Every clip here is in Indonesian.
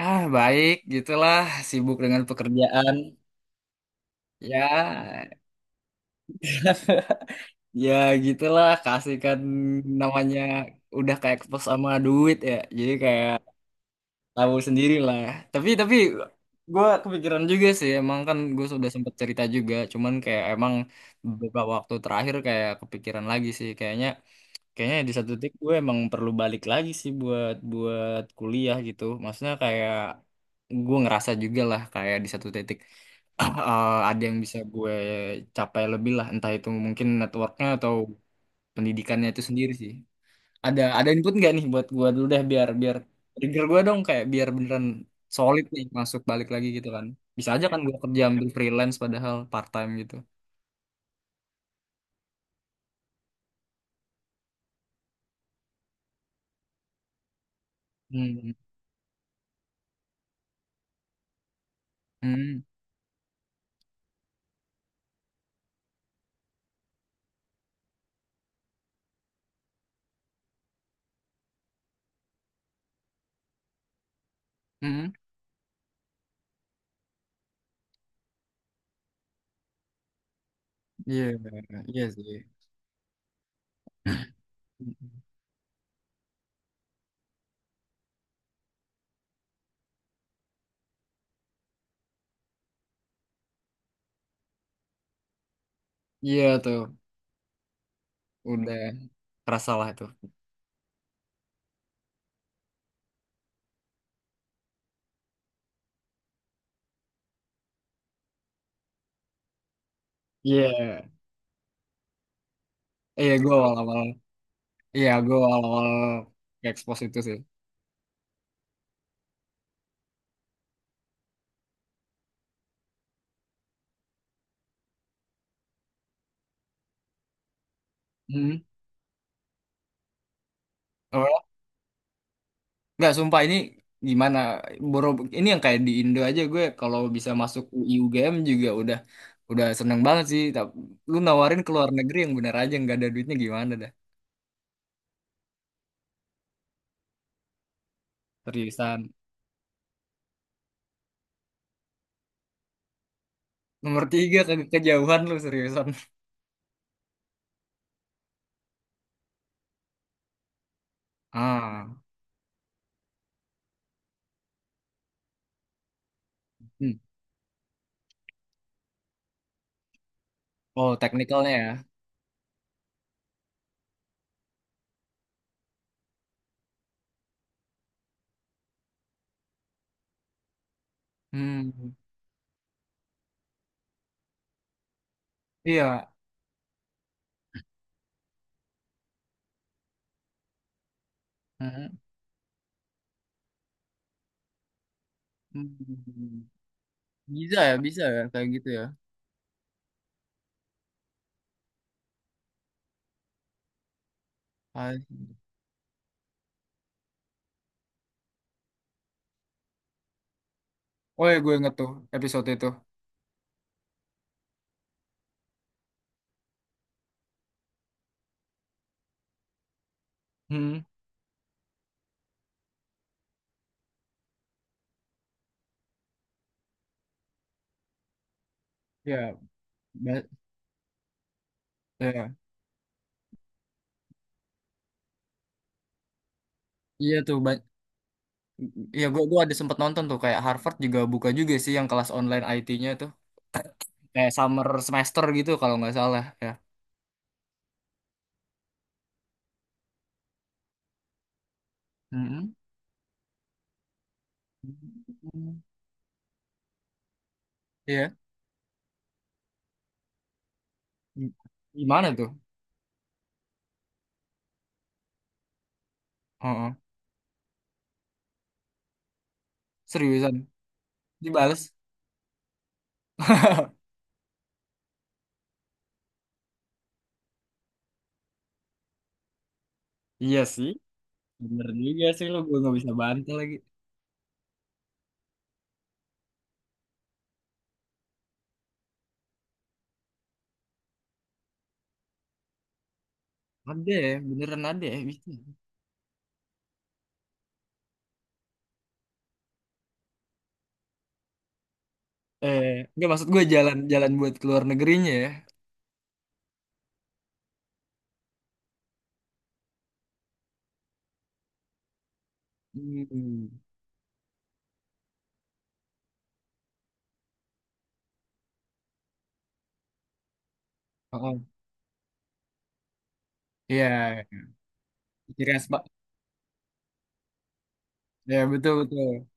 Ah, baik, gitulah. Sibuk dengan pekerjaan. Ya. Ya, gitulah. Kasihkan namanya udah kayak kepes sama duit ya. Jadi kayak tahu sendiri lah. Tapi gue kepikiran juga sih. Emang kan gue sudah sempat cerita juga. Cuman kayak emang beberapa waktu terakhir kayak kepikiran lagi sih. Kayaknya di satu titik gue emang perlu balik lagi sih buat buat kuliah gitu. Maksudnya kayak gue ngerasa juga lah kayak di satu titik, ada yang bisa gue capai lebih lah, entah itu mungkin networknya atau pendidikannya itu sendiri sih. Ada input nggak nih buat gue dulu deh, biar biar trigger gue dong, kayak biar beneran solid nih masuk balik lagi gitu kan. Bisa aja kan gue kerja ambil freelance padahal part time gitu. Hmm, hmm, hmm, hmm. Iya, iya sih. Iya tuh, udah kerasa lah itu. Iya, iya, gue awal-awal, iya, gue awal-awal expose itu sih. Hmm. Nggak, sumpah ini gimana? Boro, ini yang kayak di Indo aja, gue kalau bisa masuk UI UGM juga udah seneng banget sih. Tapi lu nawarin ke luar negeri, yang bener aja, nggak ada duitnya gimana dah? Seriusan. Nomor tiga ke kejauhan lu, seriusan. Ah, hmm. Oh, teknikalnya ya. Hmm, iya. Hmm. Hmm. Bisa ya kayak gitu ya. Ah. Oh ya, gue inget tuh episode itu. Hmm, ya, Ba- ya. Iya tuh. Iya, gua ada sempat nonton tuh kayak Harvard juga buka juga sih yang kelas online IT-nya tuh, kayak summer semester gitu kalau nggak salah ya. Mm-mm. Iya, gimana tuh? Heeh. Seriusan dibales? Iya sih, bener juga sih lo, gue nggak bisa bantah lagi. Ada ya, beneran ada ya bisa. Eh, nggak, maksud gue jalan-jalan buat keluar negerinya ya. Hmm. Heeh. Iya, iya. Ciri khas Pak. Ya, betul betul.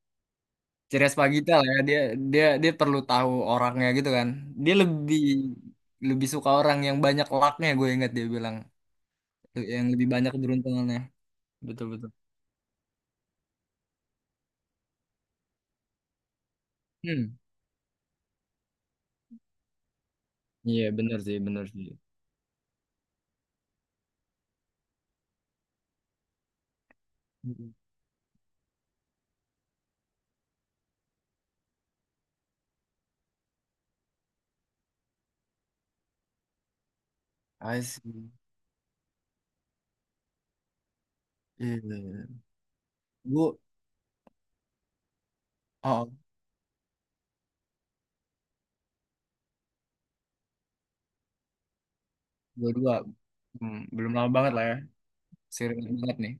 Ceria Pagita lah ya, dia dia dia perlu tahu orangnya gitu kan. Dia lebih lebih suka orang yang banyak lucknya, gue ingat dia bilang, yang lebih banyak keberuntungannya. Betul betul. Hmm, iya bener sih, benar sih. Hmm. I see. Iya. Gue, oh, gue dua, hmm, belum lama banget lah ya, sering banget nih.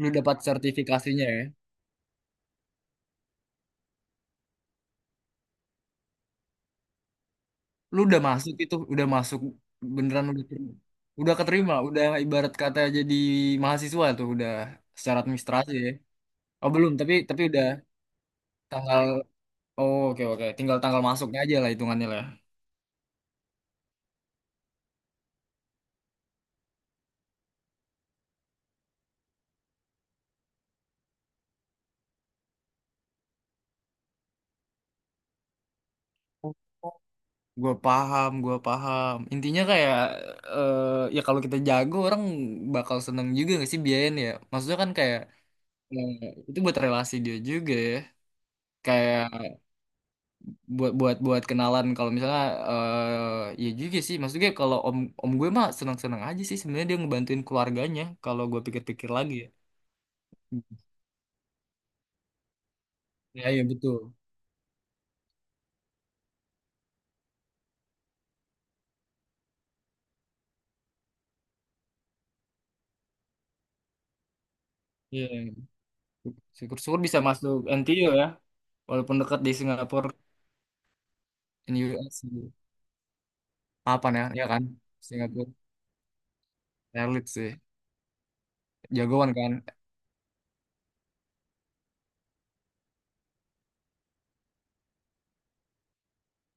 Lu dapat sertifikasinya ya. Lu udah masuk, itu udah masuk. Beneran udah terima, udah keterima, udah ibarat kata jadi mahasiswa tuh udah, secara administrasi ya. Oh belum, tapi udah tanggal. Oh, oke, oke, tinggal tanggal masuknya aja lah hitungannya lah. Gue paham, gue paham. Intinya kayak, eh ya kalau kita jago, orang bakal seneng juga gak sih biayain ya. Maksudnya kan kayak, eh, itu buat relasi dia juga ya. Kayak buat buat buat kenalan, kalau misalnya, ya juga sih. Maksudnya kalau om om gue mah seneng seneng aja sih, sebenarnya dia ngebantuin keluarganya kalau gue pikir-pikir lagi ya. Ya iya betul. Iya, syukur-syukur bisa masuk NTU ya, walaupun dekat di Singapura, in US gitu. Apa ya, ya kan, Singapura elit sih, jagoan kan.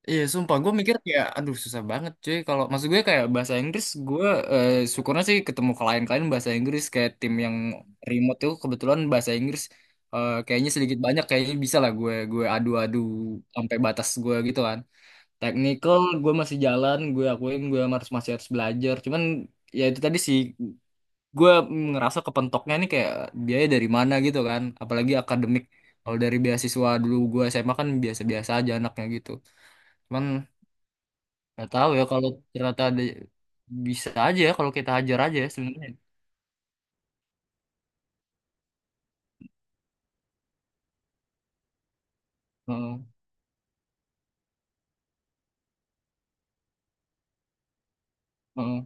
Iya, sumpah gue mikir kayak, aduh, susah banget cuy, kalau maksud gue kayak bahasa Inggris gue, syukurnya sih ketemu klien-klien bahasa Inggris, kayak tim yang remote tuh kebetulan bahasa Inggris, kayaknya sedikit banyak kayaknya bisa lah gue adu-adu sampai batas gue gitu kan. Technical gue masih jalan, gue akuin gue masih harus belajar. Cuman ya itu tadi sih, gue ngerasa kepentoknya nih kayak, biaya dari mana gitu kan, apalagi akademik, kalau dari beasiswa dulu gue SMA kan biasa-biasa aja anaknya gitu, cuman nggak tahu ya kalau ternyata ada, bisa aja ya kalau kita hajar aja ya sebenarnya. Heeh, heeh.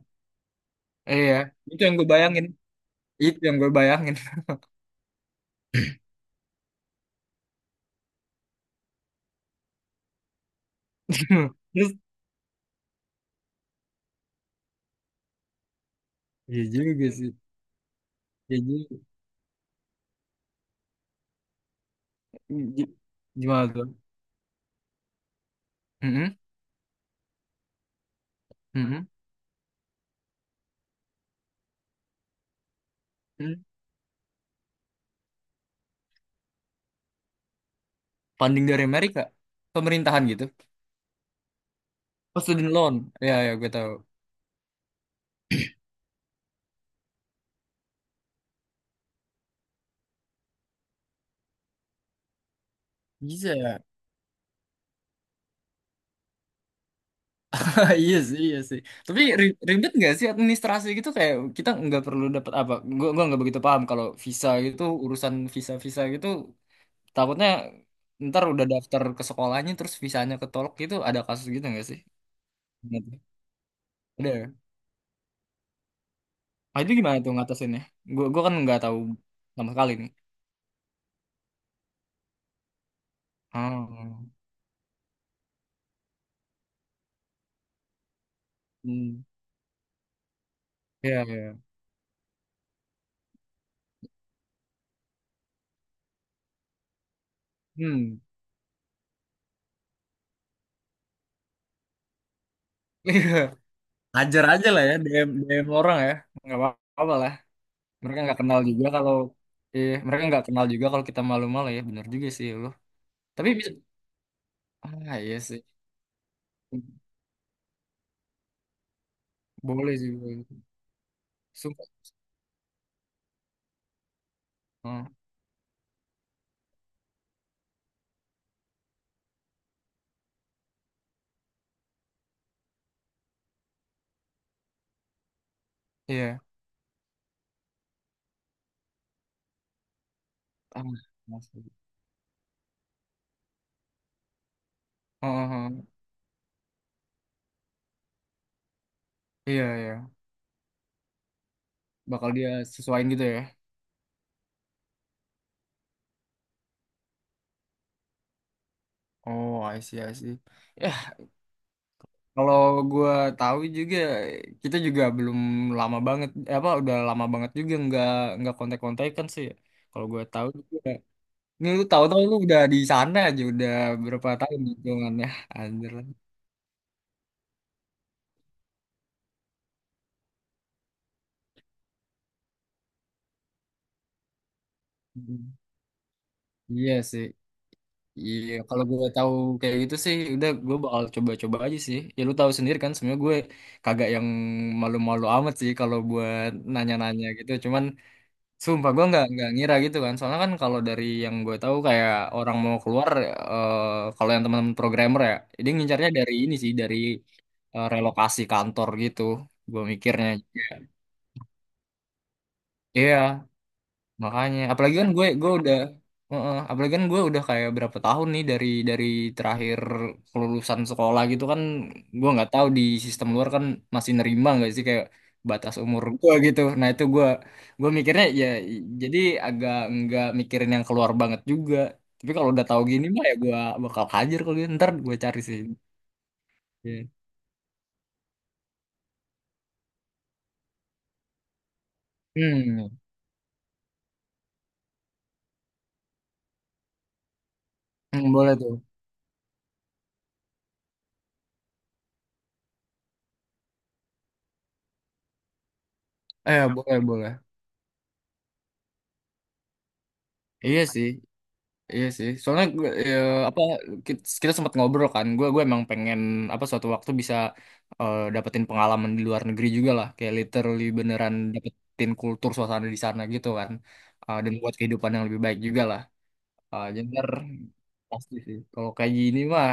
Eh, ya, itu yang gue bayangin, itu yang gue bayangin. Terus iya juga sih, iya juga. Gi- Gimana tuh? Mm-mm, mm-mm, mm. Funding dari Amerika, pemerintahan gitu. Oh, student loan, ya ya, gue tahu. Bisa ya? Ah, iya sih, iya sih. Tapi ribet nggak sih administrasi gitu, kayak kita nggak perlu dapat apa? Gua nggak begitu paham kalau visa gitu, urusan visa visa gitu, takutnya ntar udah daftar ke sekolahnya terus visanya ketolak gitu, ada kasus gitu nggak sih? Bener. Ada, ya? Nah, itu gimana tuh ngatasinnya? Gua kan nggak tahu sama sekali nih. Hmm. Hmm. Iya, iya. Hmm. Hajar aja lah ya, DM DM orang ya. Nggak apa-apa lah. Mereka nggak kenal juga kalau, kita malu-malu ya, bener juga sih ya loh. Tapi bisa, iya sih. Boleh sih, boleh. Sumpah. Oh, iya, ah, masuk. Oh, oh, oh. Iya, iya, bakal dia sesuaiin gitu ya. Oh, I see, I see. Ya, kalau gua tahu juga, kita juga belum lama banget, eh, apa, udah lama banget juga nggak kontak-kontakan sih ya. Kalau gua tahu juga ini, lu tahu-tahu lu udah di sana aja, udah berapa tahun hitungannya. Anjir. Mhm. Iya sih. Iya, kalau gue tahu kayak gitu sih, udah, gue bakal coba-coba aja sih. Ya, lu tahu sendiri kan, sebenarnya gue kagak yang malu-malu amat sih kalau buat nanya-nanya gitu. Cuman sumpah gue nggak ngira gitu kan. Soalnya kan kalau dari yang gue tahu kayak, orang mau keluar, eh, kalau yang teman-teman programmer ya, dia ngincarnya dari ini sih, dari, relokasi kantor gitu. Gue mikirnya. Iya. Makanya, apalagi kan gue udah. Heeh, apalagi kan gue udah kayak berapa tahun nih dari terakhir kelulusan sekolah gitu kan. Gue nggak tahu di sistem luar kan, masih nerima nggak sih kayak batas umur gue gitu. Nah itu gue mikirnya ya, jadi agak nggak mikirin yang keluar banget juga. Tapi kalau udah tahu gini mah ya, gue bakal hajar kalau gitu. Ntar gue cari sih. Iya. Hmm, hmm, boleh tuh. Eh, boleh, boleh. Iya sih. Iya sih, soalnya gue, ya, apa, kita sempat ngobrol kan, gue emang pengen apa suatu waktu bisa, dapetin pengalaman di luar negeri juga lah, kayak literally beneran dapetin kultur suasana di sana gitu kan. Eh, dan buat kehidupan yang lebih baik juga lah. Eh, jadi ntar pasti sih, kalau kayak gini mah,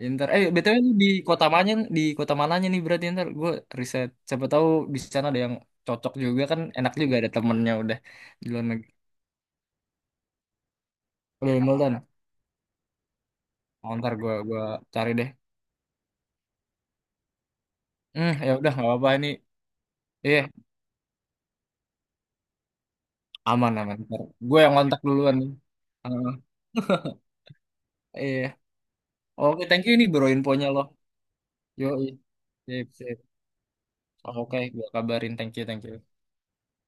ntar, btw lu di kota mananya nih berarti. Ya ntar gue riset, siapa tahu di sana ada yang cocok juga kan, enak juga ada temennya udah di luar negeri. Lu Meldan. Oh, ntar gue gua cari deh. Hmm, ya udah, nggak apa-apa ini. Iya, aman aman. Ntar gue yang kontak duluan nih. Heeh, iya. Oke, thank you ini bro infonya loh. Yo, sip, sip. Oke, gue kabarin. Thank you, thank you.